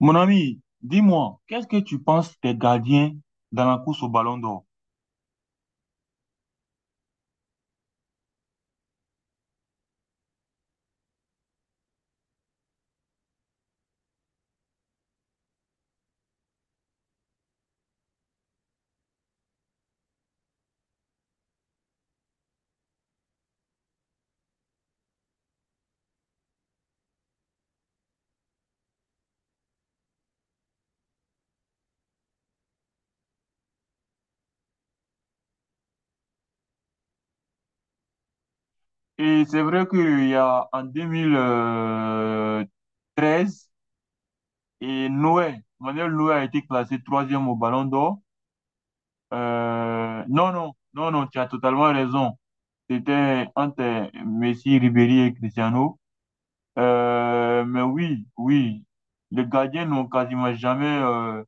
Mon ami, dis-moi, qu'est-ce que tu penses des gardiens dans la course au Ballon d'Or? Et c'est vrai qu'il y a en 2013, et Noé, Manuel Noé a été classé troisième au Ballon d'Or. Non, non, non, non, tu as totalement raison. C'était entre Messi, Ribéry et Cristiano. Mais oui, oui, les gardiens n'ont quasiment jamais euh,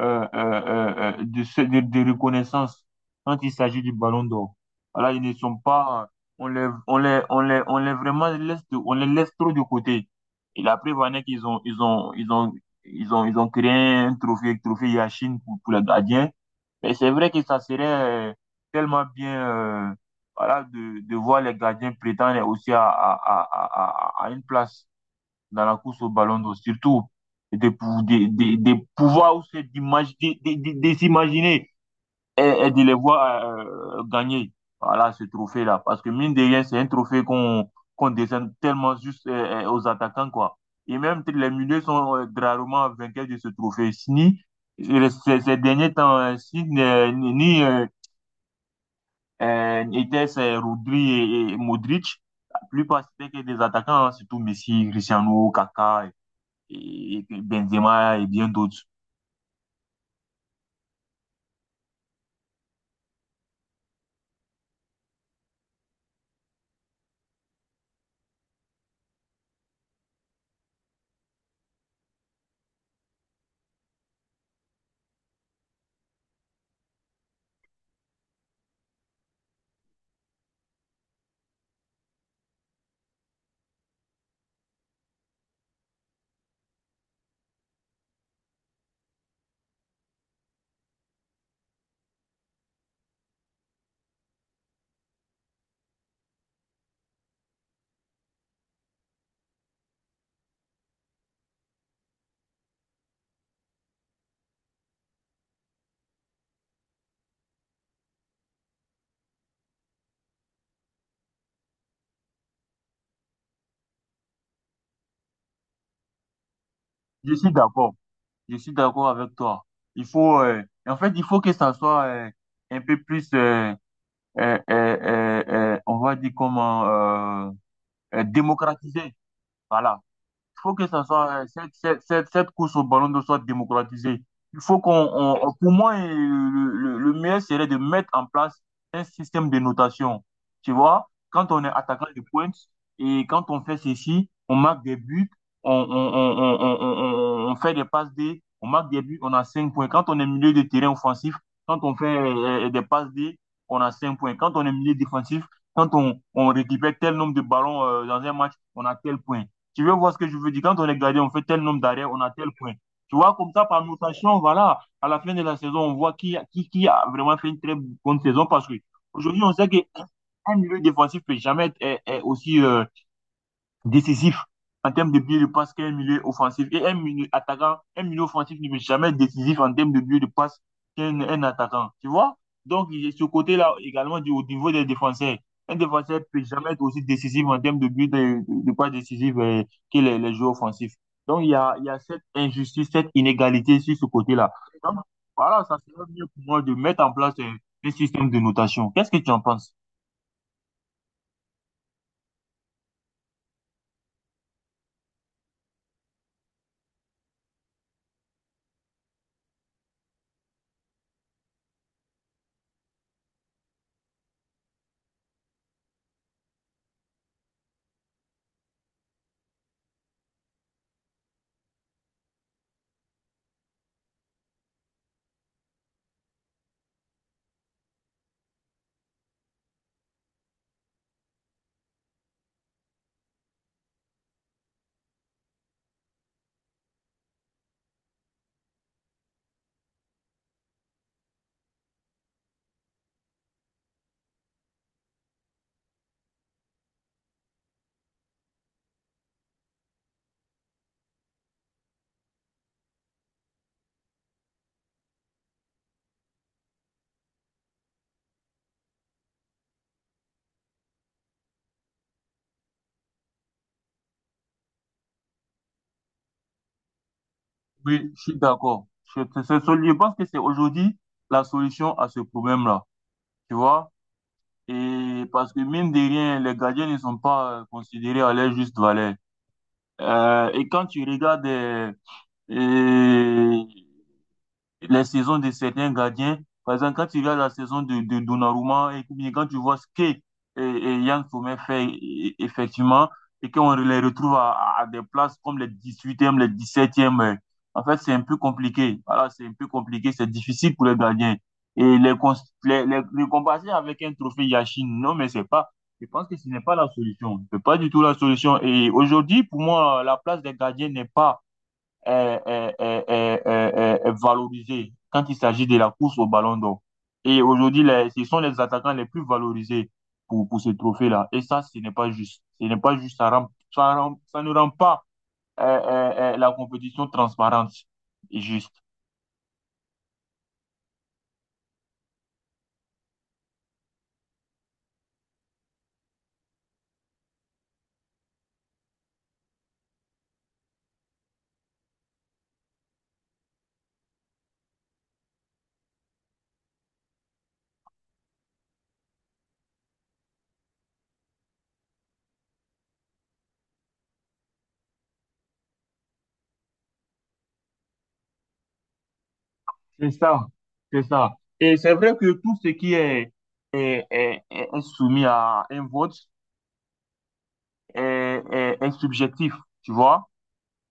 euh, euh, euh, euh, de reconnaissance quand il s'agit du Ballon d'Or. Voilà, ils ne sont pas, on les, on les, on les, on les on les laisse trop de côté. Et la preuve en est qu'ils ont, ils ont, ils ont, ils ont, ils ont créé un trophée, trophée Yachine pour les gardiens. Mais c'est vrai que ça serait euh, tellement bien, euh, voilà, de voir les gardiens prétendre aussi à une place dans la course au ballon d'or, surtout de pouvoir se de s'imaginer et de les voir gagner voilà, ce trophée-là. Parce que mine de rien, c'est un trophée qu'on décerne tellement juste aux attaquants, quoi. Et même les milieux sont rarement vainqueurs de ce trophée. Ni ces derniers temps, ni Sini, ni était c'est Rodri et Modric. La plupart, c'était que des attaquants, hein, surtout Messi, Cristiano, Kaka, et Benzema et bien d'autres. Je suis d'accord. Je suis d'accord avec toi. Il faut, en fait, il faut que ça soit un peu plus, on va dire comment, euh, démocratisé. Voilà. Faut que ça soit, cette course au ballon d'eau soit démocratisée. Il faut qu'on, on- pour moi, le meilleur serait de mettre en place un système de notation. Tu vois, quand on est attaquant de pointe et quand on fait ceci, on marque des buts, on fait des passes D, on marque des buts, on a 5 points. Quand on est milieu de terrain offensif, quand on fait des passes D, on a 5 points. Quand on est milieu défensif, quand on récupère tel nombre de ballons dans un match, on a tel point. Tu veux voir ce que je veux dire? Quand on est gardé, on fait tel nombre d'arrêts, on a tel point. Tu vois, comme ça, par notation, voilà, à la fin de la saison, on voit qui a vraiment fait une très bonne saison parce que aujourd'hui, on sait qu'un milieu défensif ne peut jamais être aussi décisif en termes de but de passe qu'un milieu offensif. Et un milieu attaquant, un milieu offensif ne peut jamais être décisif en termes de but de passe qu'un un attaquant. Tu vois? Donc, il y a ce côté-là également au niveau des défenseurs. Un défenseur ne peut jamais être aussi décisif en termes de but de passe décisif que les joueurs offensifs. Donc, il y a cette injustice, cette inégalité sur ce côté-là. Donc, voilà, ça serait mieux pour moi de mettre en place un système de notation. Qu'est-ce que tu en penses? Oui, je suis d'accord. Je pense que c'est aujourd'hui la solution à ce problème-là, tu vois? Et parce que mine de rien, les gardiens ne sont pas considérés à leur juste valeur. Et quand tu regardes euh, les saisons de certains gardiens. Par exemple, quand tu regardes la saison de Donnarumma et puis quand tu vois et Yann Sommet fait effectivement et qu'on les retrouve à des places comme les 18e les 17e en fait, c'est un peu compliqué. Voilà, c'est un peu compliqué, c'est difficile pour les gardiens. Et les, cons- les comparer avec un trophée Yashin, non, mais c'est pas, je pense que ce n'est pas la solution. C'est pas du tout la solution. Et aujourd'hui, pour moi, la place des gardiens n'est pas est valorisé quand il s'agit de la course au Ballon d'Or. Et aujourd'hui, ce sont les attaquants les plus valorisés pour ce trophée-là. Et ça, ce n'est pas juste. Ce n'est pas juste. Ça ne rend pas la compétition transparente et juste. C'est ça. C'est ça. Et c'est vrai que tout ce qui est soumis à un vote est subjectif, tu vois.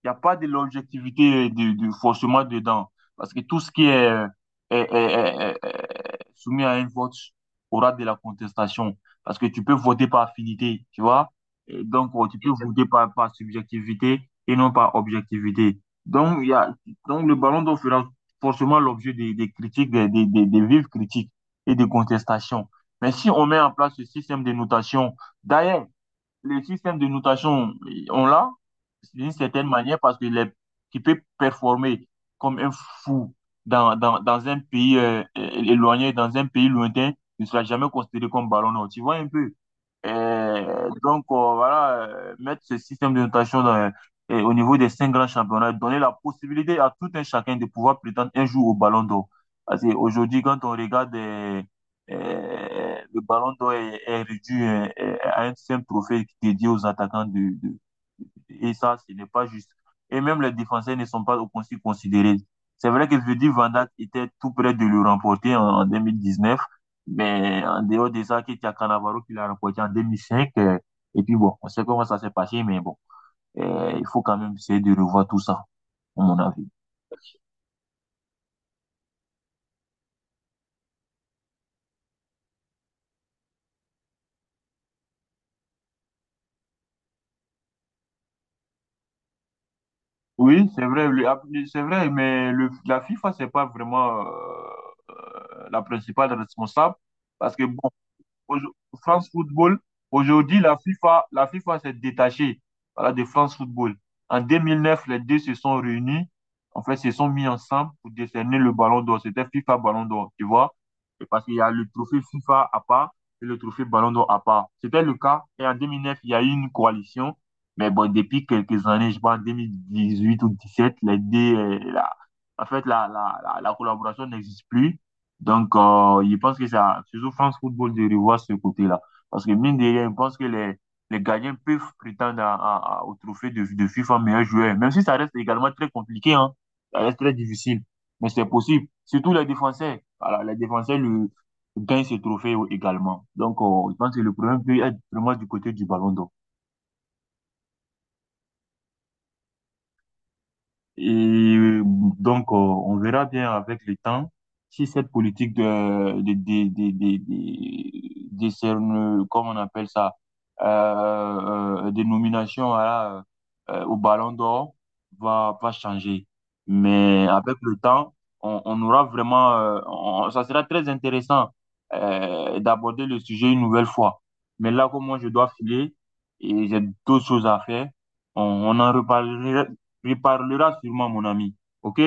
Il n'y a pas de l'objectivité de forcément dedans. Parce que tout ce qui est soumis à un vote aura de la contestation. Parce que tu peux voter par affinité, tu vois? Et donc, oh, tu peux voter par subjectivité et non par objectivité. Donc, donc le ballon d'or fera forcément l'objet des critiques, des vives critiques et des contestations. Mais si on met en place ce système de notation, d'ailleurs, le système de notation, on l'a d'une certaine manière parce qu'il peut performer comme un fou dans un pays éloigné, dans un pays lointain, il ne sera jamais considéré comme ballon d'or. Tu vois un peu. Donc, voilà, mettre ce système de notation au niveau des cinq grands championnats, donner la possibilité à tout un chacun de pouvoir prétendre un jour au ballon d'or. Parce qu'aujourd'hui, quand on regarde le ballon d'or est réduit à un simple trophée dédié aux attaquants. Et ça, ce n'est pas juste. Et même les défenseurs ne sont pas aussi considérés. C'est vrai que Virgil van Dijk était tout près de le remporter en 2019, mais en dehors de ça, Keita Cannavaro qui l'a remporté en 2005. Et puis bon, on sait comment ça s'est passé, mais bon, il faut quand même essayer de revoir tout ça, à mon avis. Oui, c'est vrai, c'est vrai, mais la FIFA, c'est pas vraiment la principale responsable parce que bon, aujo- France Football, aujourd'hui, la FIFA s'est détachée, voilà, de France Football. En 2009, les deux se sont réunis, en fait, se sont mis ensemble pour décerner le ballon d'or. C'était FIFA Ballon d'or, tu vois? Et parce qu'il y a le trophée FIFA à part et le trophée Ballon d'or à part. C'était le cas. Et en 2009, il y a eu une coalition. Mais bon, depuis quelques années, je pense en 2018 ou 2017, les deux, en fait, la collaboration n'existe plus. Donc, je pense que ça, surtout France Football, de revoir ce côté-là. Parce que mine de rien, je pense que les gardiens peuvent prétendre au trophée de FIFA meilleur joueur, même si ça reste également très compliqué, hein. Ça reste très difficile. Mais c'est possible. Surtout les défenseurs. Voilà, les défenseurs gagnent ce trophée également. Donc, je pense que le problème peut être vraiment du côté du Ballon d'Or. Et donc, on verra bien avec le temps si cette politique comment on appelle ça, euh, de nomination au Ballon d'Or va changer. Mais avec le temps, on aura vraiment, ça sera très intéressant d'aborder le sujet une nouvelle fois. Mais là, comme moi, je dois filer et j'ai d'autres choses à faire, on en reparlera sûrement, mon ami. OK?